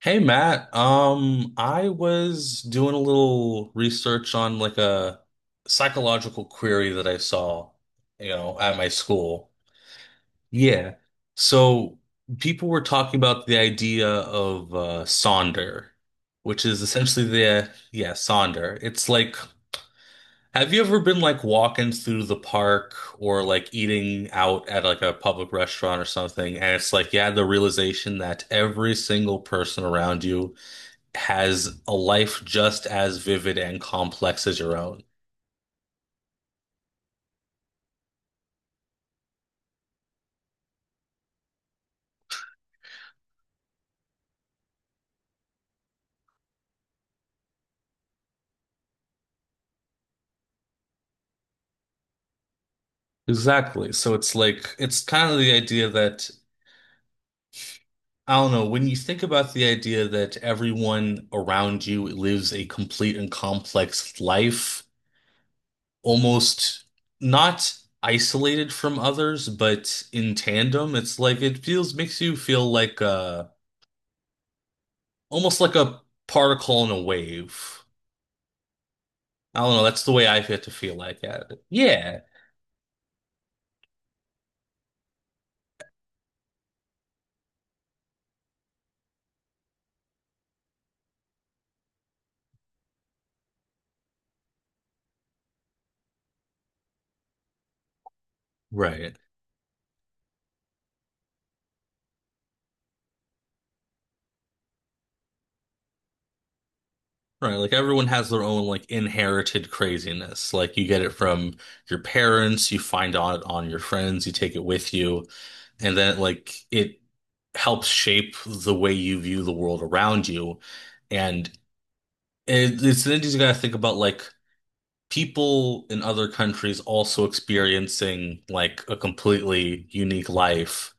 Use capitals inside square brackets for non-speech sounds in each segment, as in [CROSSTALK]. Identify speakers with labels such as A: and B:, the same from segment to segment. A: Hey Matt, I was doing a little research on like a psychological query that I saw, you know, at my school. Yeah. So people were talking about the idea of Sonder, which is essentially Sonder. It's like, have you ever been like walking through the park or like eating out at like a public restaurant or something, and it's like you had the realization that every single person around you has a life just as vivid and complex as your own. Exactly. So it's like, it's kind of the idea that, I don't know, when you think about the idea that everyone around you lives a complete and complex life, almost not isolated from others, but in tandem, it's like it feels, makes you feel like a, almost like a particle in a wave. I don't know, that's the way I get to feel like at it. Yeah. Right. Right, like everyone has their own like inherited craziness. Like you get it from your parents, you find out on your friends, you take it with you, and then like it helps shape the way you view the world around you. And it it's then you gotta think about like people in other countries also experiencing like a completely unique life.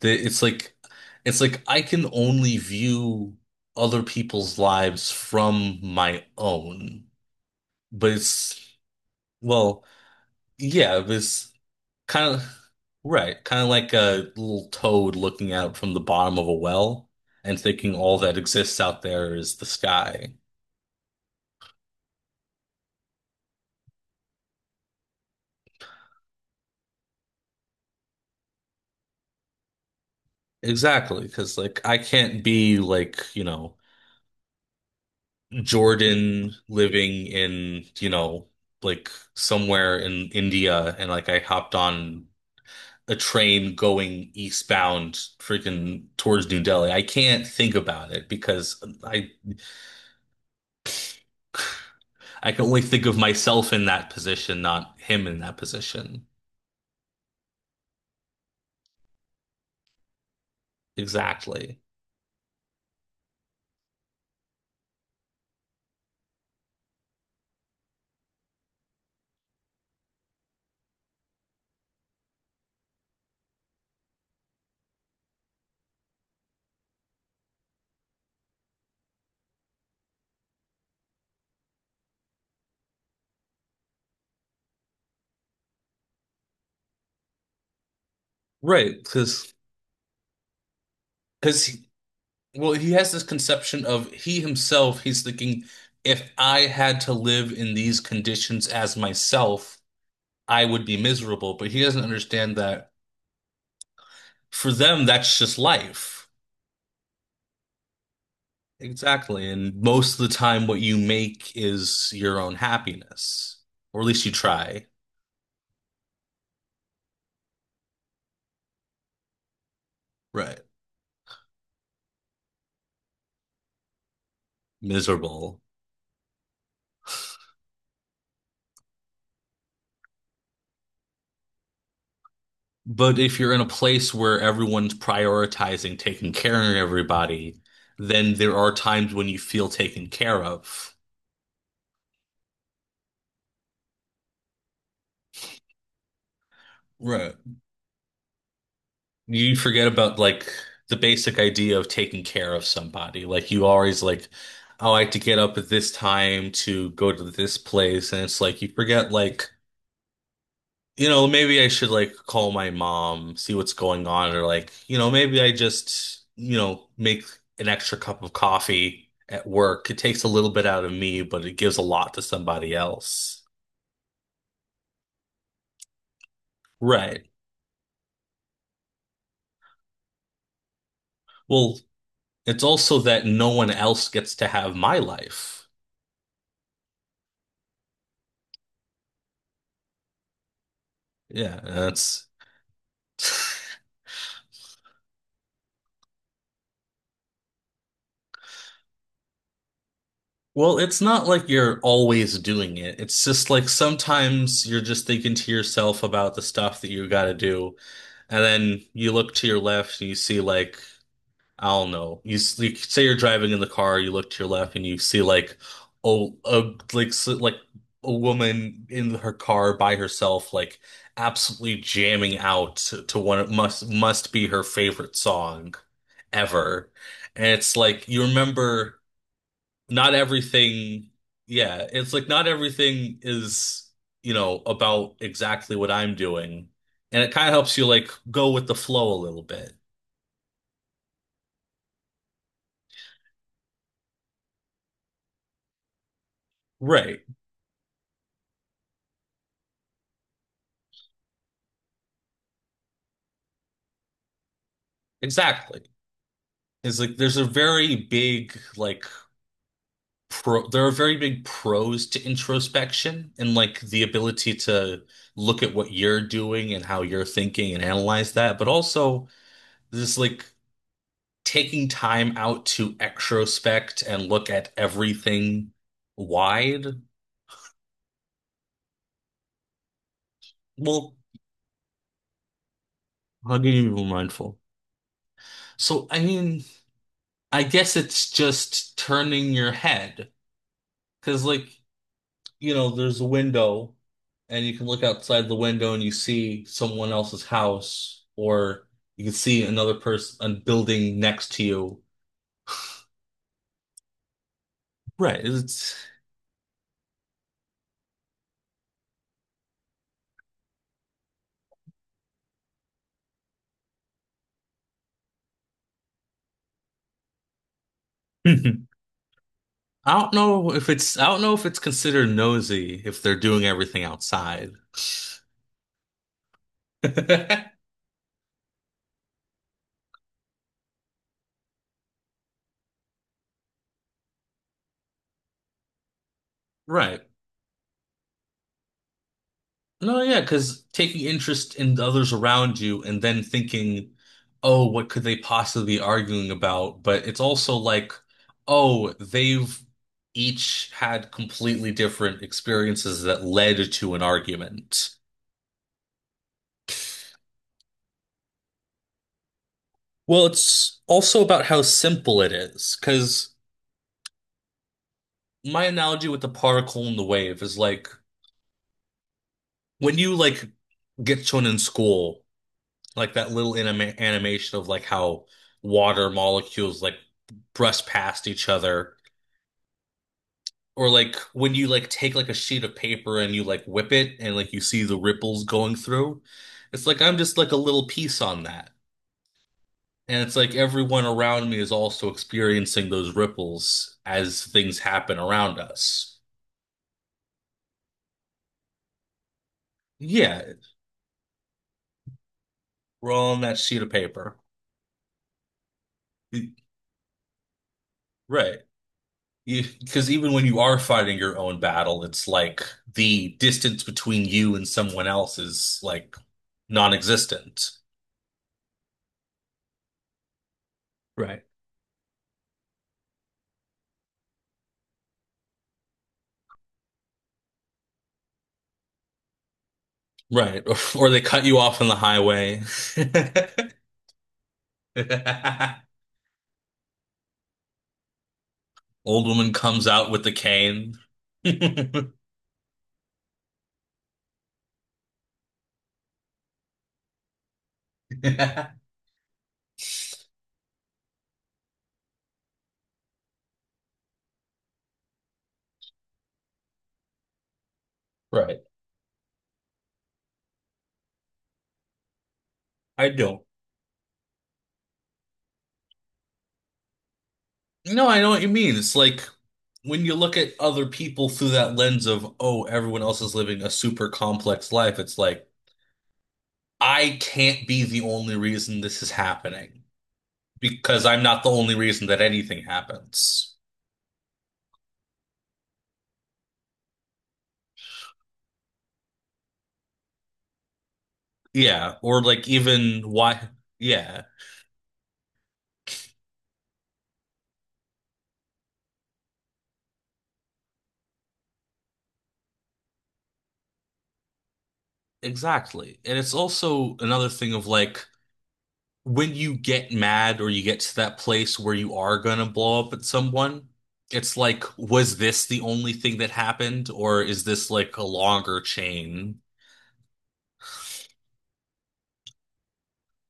A: The- It's like it's like I can only view other people's lives from my own, but it's, well, yeah, it was kind of right, kind of like a little toad looking out from the bottom of a well and thinking all that exists out there is the sky. Exactly, because like I can't be like, you know, Jordan living in, you know, like somewhere in India and like I hopped on a train going eastbound freaking towards New Delhi. I can't think about it because I [LAUGHS] I can only think of myself in that position, not him in that position. Exactly. Right, because he, well, he has this conception of he himself, he's thinking, if I had to live in these conditions as myself, I would be miserable, but he doesn't understand that for them, that's just life. Exactly. And most of the time, what you make is your own happiness, or at least you try. Right. Miserable. But if you're in a place where everyone's prioritizing taking care of everybody, then there are times when you feel taken care of. Right. You forget about like the basic idea of taking care of somebody. Like you always like, oh, I have to get up at this time to go to this place. And it's like you forget like, you know, maybe I should like call my mom, see what's going on, or like, you know, maybe I just, you know, make an extra cup of coffee at work. It takes a little bit out of me, but it gives a lot to somebody else. Right. Well, it's also that no one else gets to have my life. Yeah, that's, well, it's not like you're always doing it. It's just like sometimes you're just thinking to yourself about the stuff that you got to do. And then you look to your left and you see like, I don't know. You say you're driving in the car, you look to your left, and you see like oh, a like s like a woman in her car by herself, like absolutely jamming out to what must be her favorite song ever. And it's like you remember not everything. Yeah, it's like not everything is you know about exactly what I'm doing, and it kind of helps you like go with the flow a little bit. Right. Exactly. Is like there's a very big like pro there are very big pros to introspection and like the ability to look at what you're doing and how you're thinking and analyze that, but also this like taking time out to extrospect and look at everything wide. Well, how can you be mindful? So I mean, I guess it's just turning your head because like, you know, there's a window and you can look outside the window and you see someone else's house, or you can see another person, a building next to you. Right. It's, [LAUGHS] I don't know if it's, I don't know if it's considered nosy if they're doing everything outside. [LAUGHS] Right. No, no, yeah, because taking interest in the others around you and then thinking, oh, what could they possibly be arguing about? But it's also like, oh, they've each had completely different experiences that led to an argument. Well, it's also about how simple it is, because my analogy with the particle and the wave is like when you like get shown in school, like that little animation of like how water molecules like brush past each other, or like when you like take like a sheet of paper and you like whip it and like you see the ripples going through, it's like I'm just like a little piece on that, and it's like everyone around me is also experiencing those ripples as things happen around us. Yeah, we're all on that sheet of paper. Right. Because even when you are fighting your own battle, it's like the distance between you and someone else is like non-existent. Right. Right. [LAUGHS] Or they cut you off on the highway. [LAUGHS] Old woman comes out with the cane. [LAUGHS] Right. I don't. No, I know what you mean. It's like when you look at other people through that lens of, oh, everyone else is living a super complex life, it's like, I can't be the only reason this is happening because I'm not the only reason that anything happens. Yeah, or like even why. Yeah, exactly. And it's also another thing of like when you get mad or you get to that place where you are gonna blow up at someone, it's like, was this the only thing that happened, or is this like a longer chain.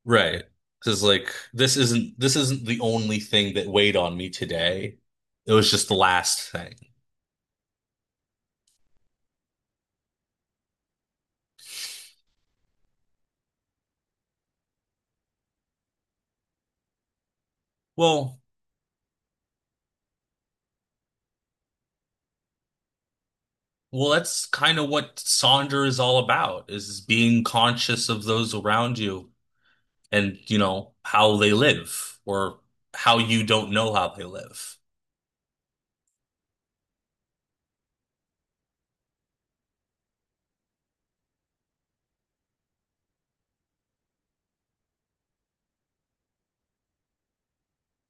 A: Right. Because like this isn't the only thing that weighed on me today. It was just the last thing. Well, well, that's kind of what Sonder is all about, is being conscious of those around you and, you know, how they live or how you don't know how they live.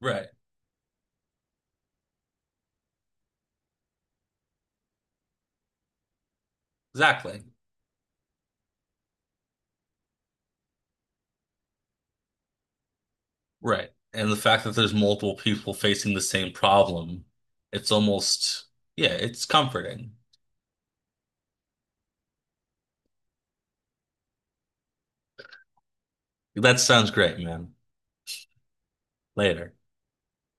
A: Right. Exactly. Right. And the fact that there's multiple people facing the same problem, it's almost, yeah, it's comforting. That sounds great, man. Later.